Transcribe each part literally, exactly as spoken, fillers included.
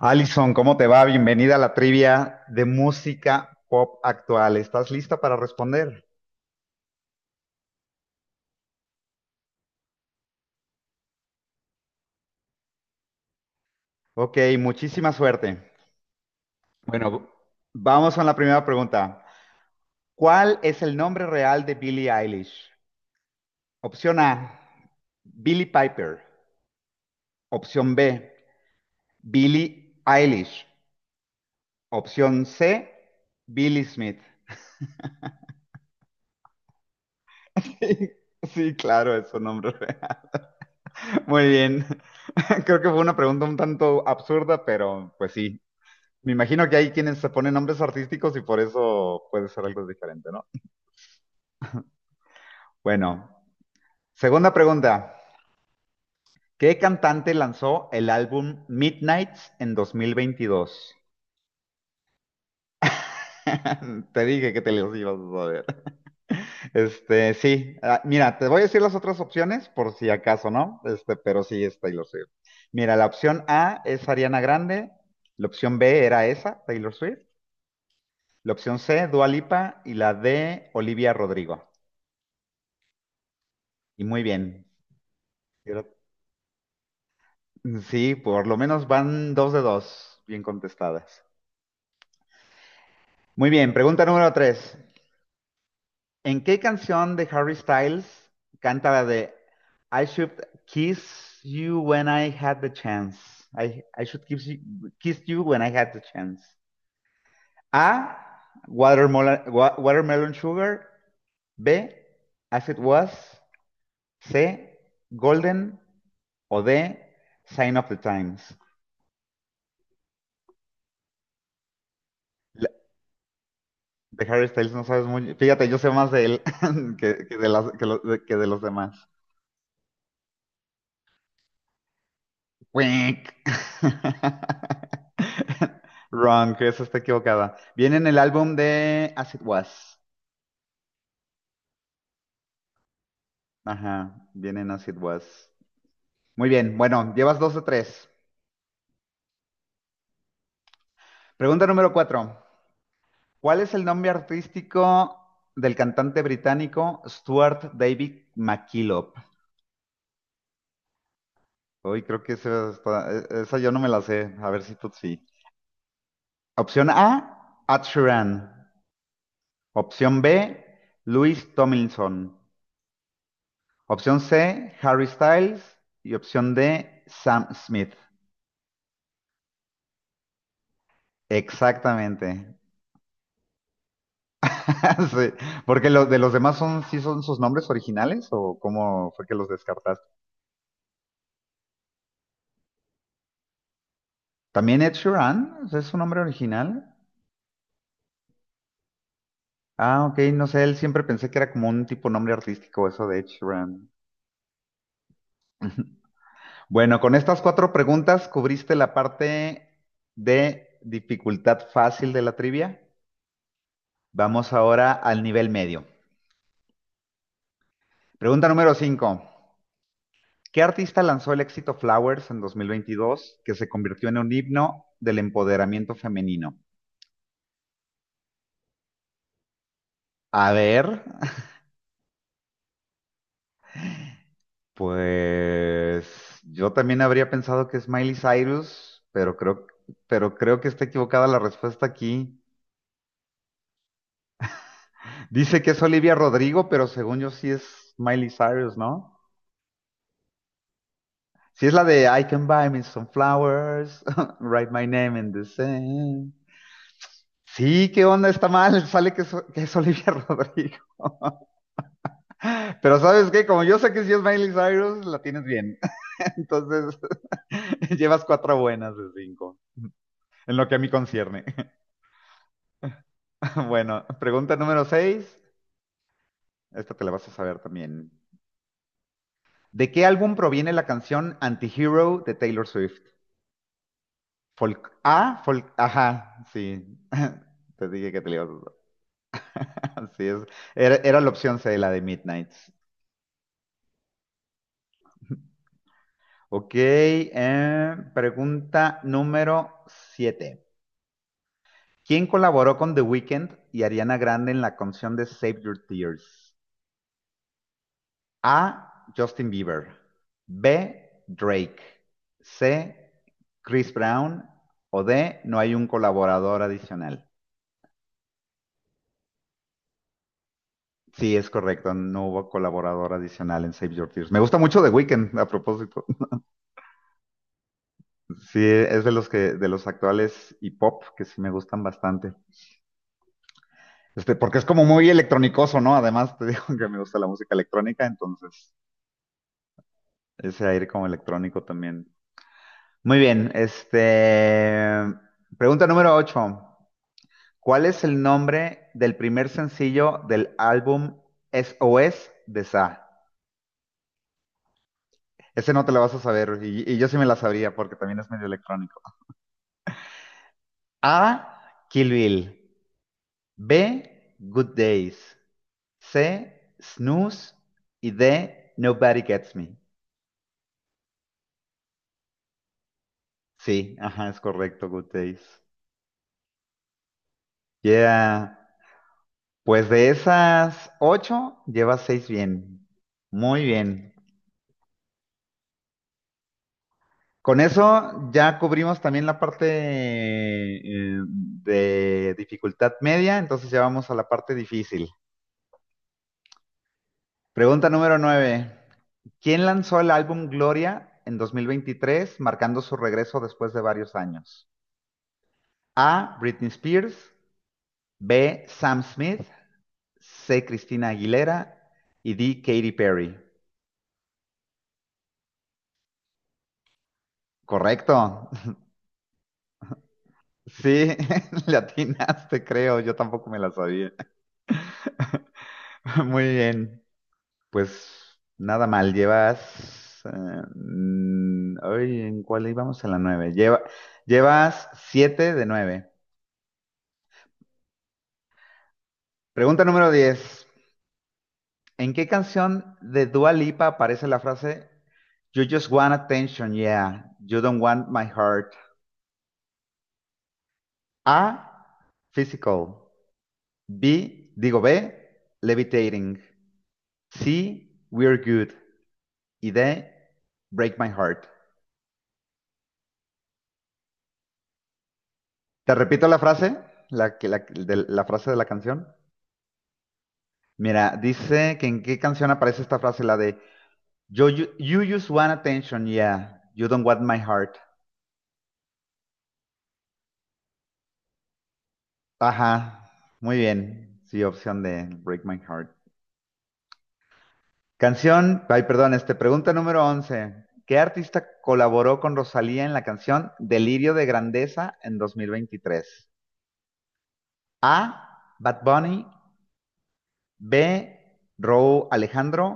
Alison, ¿cómo te va? Bienvenida a la trivia de música pop actual. ¿Estás lista para responder? Ok, muchísima suerte. Bueno, vamos con la primera pregunta. ¿Cuál es el nombre real de Billie Eilish? Opción A, Billie Piper. Opción B, Billie Eilish. Opción C, Billie Smith. Sí, claro, es su nombre real. Muy bien. Creo que fue una pregunta un tanto absurda, pero pues sí. Me imagino que hay quienes se ponen nombres artísticos y por eso puede ser algo diferente, ¿no? Bueno, segunda pregunta. ¿Qué cantante lanzó el álbum Midnights en dos mil veintidós? Te dije que te los ibas a saber. Este, sí, ah, mira, te voy a decir las otras opciones por si acaso, ¿no? Este, pero sí es Taylor Swift. Mira, la opción A es Ariana Grande, la opción B era esa, Taylor Swift, la opción C, Dua Lipa y la D, Olivia Rodrigo. Y muy bien. Sí, por lo menos van dos de dos bien contestadas. Muy bien, pregunta número tres. ¿En qué canción de Harry Styles canta la de I should kiss you when I had the chance? I, I should kiss you, kiss you when I had the chance. A. Watermelon, wa- watermelon sugar. B. As it was. C. Golden. O D. Sign of the Times. De Harry Styles no sabes muy. Fíjate, yo sé más de él que, que de las, que, lo- de, que de los demás. Wink. Wrong, esa está equivocada. Viene en el álbum de As It Was. Ajá, viene en As It Was. Muy bien, bueno, llevas dos de tres. Pregunta número cuatro. ¿Cuál es el nombre artístico del cantante británico Stuart David McKillop? Hoy creo que esa, está- e-, esa yo no me la sé. A ver si tú sí. Opción A, Ed Sheeran. Opción B, Luis Tomlinson. Opción C, Harry Styles. Y opción D, Sam Smith. Exactamente. Sí, porque los de los demás son, sí son sus nombres originales, o ¿cómo fue que los descartaste? También Ed Sheeran, ¿es su nombre original? Ah, ok, no sé, él siempre pensé que era como un tipo nombre artístico eso de Ed Sheeran. Bueno, con estas cuatro preguntas cubriste la parte de dificultad fácil de la trivia. Vamos ahora al nivel medio. Pregunta número cinco: ¿Qué artista lanzó el éxito Flowers en dos mil veintidós que se convirtió en un himno del empoderamiento femenino? A ver, pues yo también habría pensado que es Miley Cyrus, pero creo, pero creo que está equivocada la respuesta aquí. Dice que es Olivia Rodrigo, pero según yo sí es Miley Cyrus, ¿no? Sí es la de I can buy me some flowers, write my name in the sand. Sí, ¿qué onda? Está mal, sale que es, que es Olivia Rodrigo. Pero ¿sabes qué? Como yo sé que si es Miley Cyrus, la tienes bien. Entonces, llevas cuatro buenas de cinco, en lo que a mí concierne. Bueno, pregunta número seis, esta te la vas a saber también. ¿De qué álbum proviene la canción Antihero de Taylor Swift? Folk A, folk, ajá, sí. Te dije que te la ibas a así es. Era, era la opción C, la de Midnight. Ok, eh, pregunta número siete. ¿Quién colaboró con The Weeknd y Ariana Grande en la canción de Save Your Tears? A. Justin Bieber. B. Drake. C. Chris Brown. O D. No hay un colaborador adicional. Sí, es correcto. No hubo colaborador adicional en Save Your Tears. Me gusta mucho The Weeknd, a propósito. Sí, es de los que, de los actuales y pop que sí me gustan bastante. Este, porque es como muy electrónicoso, ¿no? Además, te digo que me gusta la música electrónica, entonces ese aire como electrónico también. Muy bien, este. Pregunta número ocho. ¿Cuál es el nombre del primer sencillo del álbum S O S de Sa? Ese no te lo vas a saber, y, y yo sí me la sabría porque también es medio electrónico. A. Kill Bill. B. Good Days. C. Snooze. Y D. Nobody Gets Me. Sí, ajá, es correcto, Good Days. Yeah. Pues de esas ocho, llevas seis bien. Muy bien. Con eso ya cubrimos también la parte eh, de dificultad media, entonces ya vamos a la parte difícil. Pregunta número nueve. ¿Quién lanzó el álbum Gloria en dos mil veintitrés, marcando su regreso después de varios años? A. Britney Spears. B. Sam Smith. C. Cristina Aguilera y D. Katy Perry. Correcto. Sí, le atinaste, creo. Yo tampoco me la sabía. Muy bien. Pues nada mal. Llevas. Eh, mm, ay, ¿en cuál íbamos? En la nueve. Lleva, llevas siete de nueve. Pregunta número diez. ¿En qué canción de Dua Lipa aparece la frase You just want attention, yeah. You don't want my heart? A. Physical. B, digo B, Levitating. C, We're Good. Y D, Break My Heart. Te repito la frase, la, que- la- de- la frase de la canción. Mira, dice que en qué canción aparece esta frase, la de "Yo- you, you just want attention, yeah. You don't want my heart". Ajá, muy bien. Sí, opción de Break My Heart. Canción, ay, perdón, este, pregunta número once. ¿Qué artista colaboró con Rosalía en la canción Delirio de Grandeza en dos mil veintitrés? A. Bad Bunny. B. Raúl Alejandro.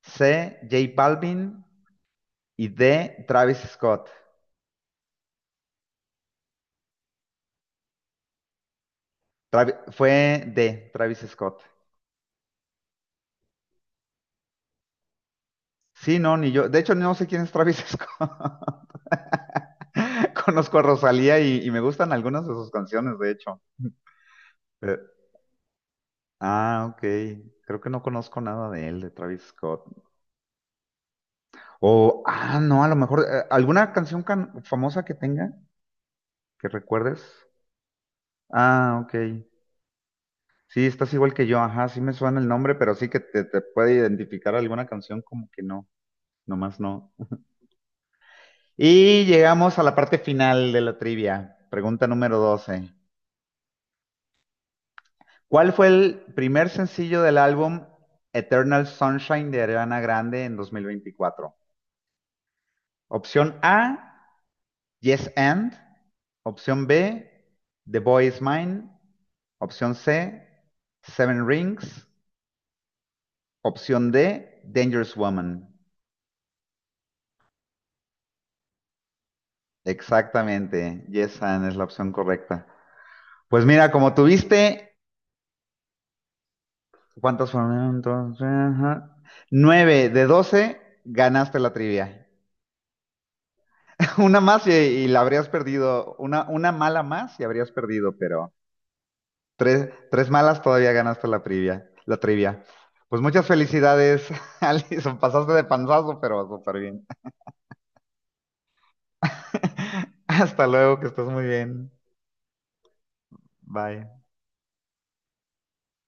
C. J Balvin. Y D. Travis Scott. Travi- fue D. Travis Scott. Sí, no, ni yo. De hecho, no sé quién es Travis Scott. Conozco a Rosalía y, y me gustan algunas de sus canciones, de hecho. Pero ah, ok. Creo que no conozco nada de él, de Travis Scott. O, ah, no, a lo mejor, eh, ¿alguna canción can- famosa que tenga, que recuerdes? Ah, ok. Sí, estás igual que yo, ajá, sí me suena el nombre, pero sí que te, te puede identificar alguna canción, como que no, nomás no. Y llegamos a la parte final de la trivia, pregunta número doce. ¿Cuál fue el primer sencillo del álbum Eternal Sunshine de Ariana Grande en dos mil veinticuatro? Opción A, Yes and. Opción B, The Boy Is Mine. Opción C, Seven Rings. Opción D, Dangerous Woman. Exactamente, Yesan es la opción correcta. Pues mira, como tuviste, ¿cuántas fueron entonces? Ajá. Nueve de doce, ganaste la trivia. Una más y, y la habrías perdido, una, una mala más y habrías perdido, pero tres, tres malas todavía ganaste la trivia, la trivia. Pues muchas felicidades, Alison, pasaste de panzazo, pero súper bien. Hasta luego, que estés muy bien. Bye.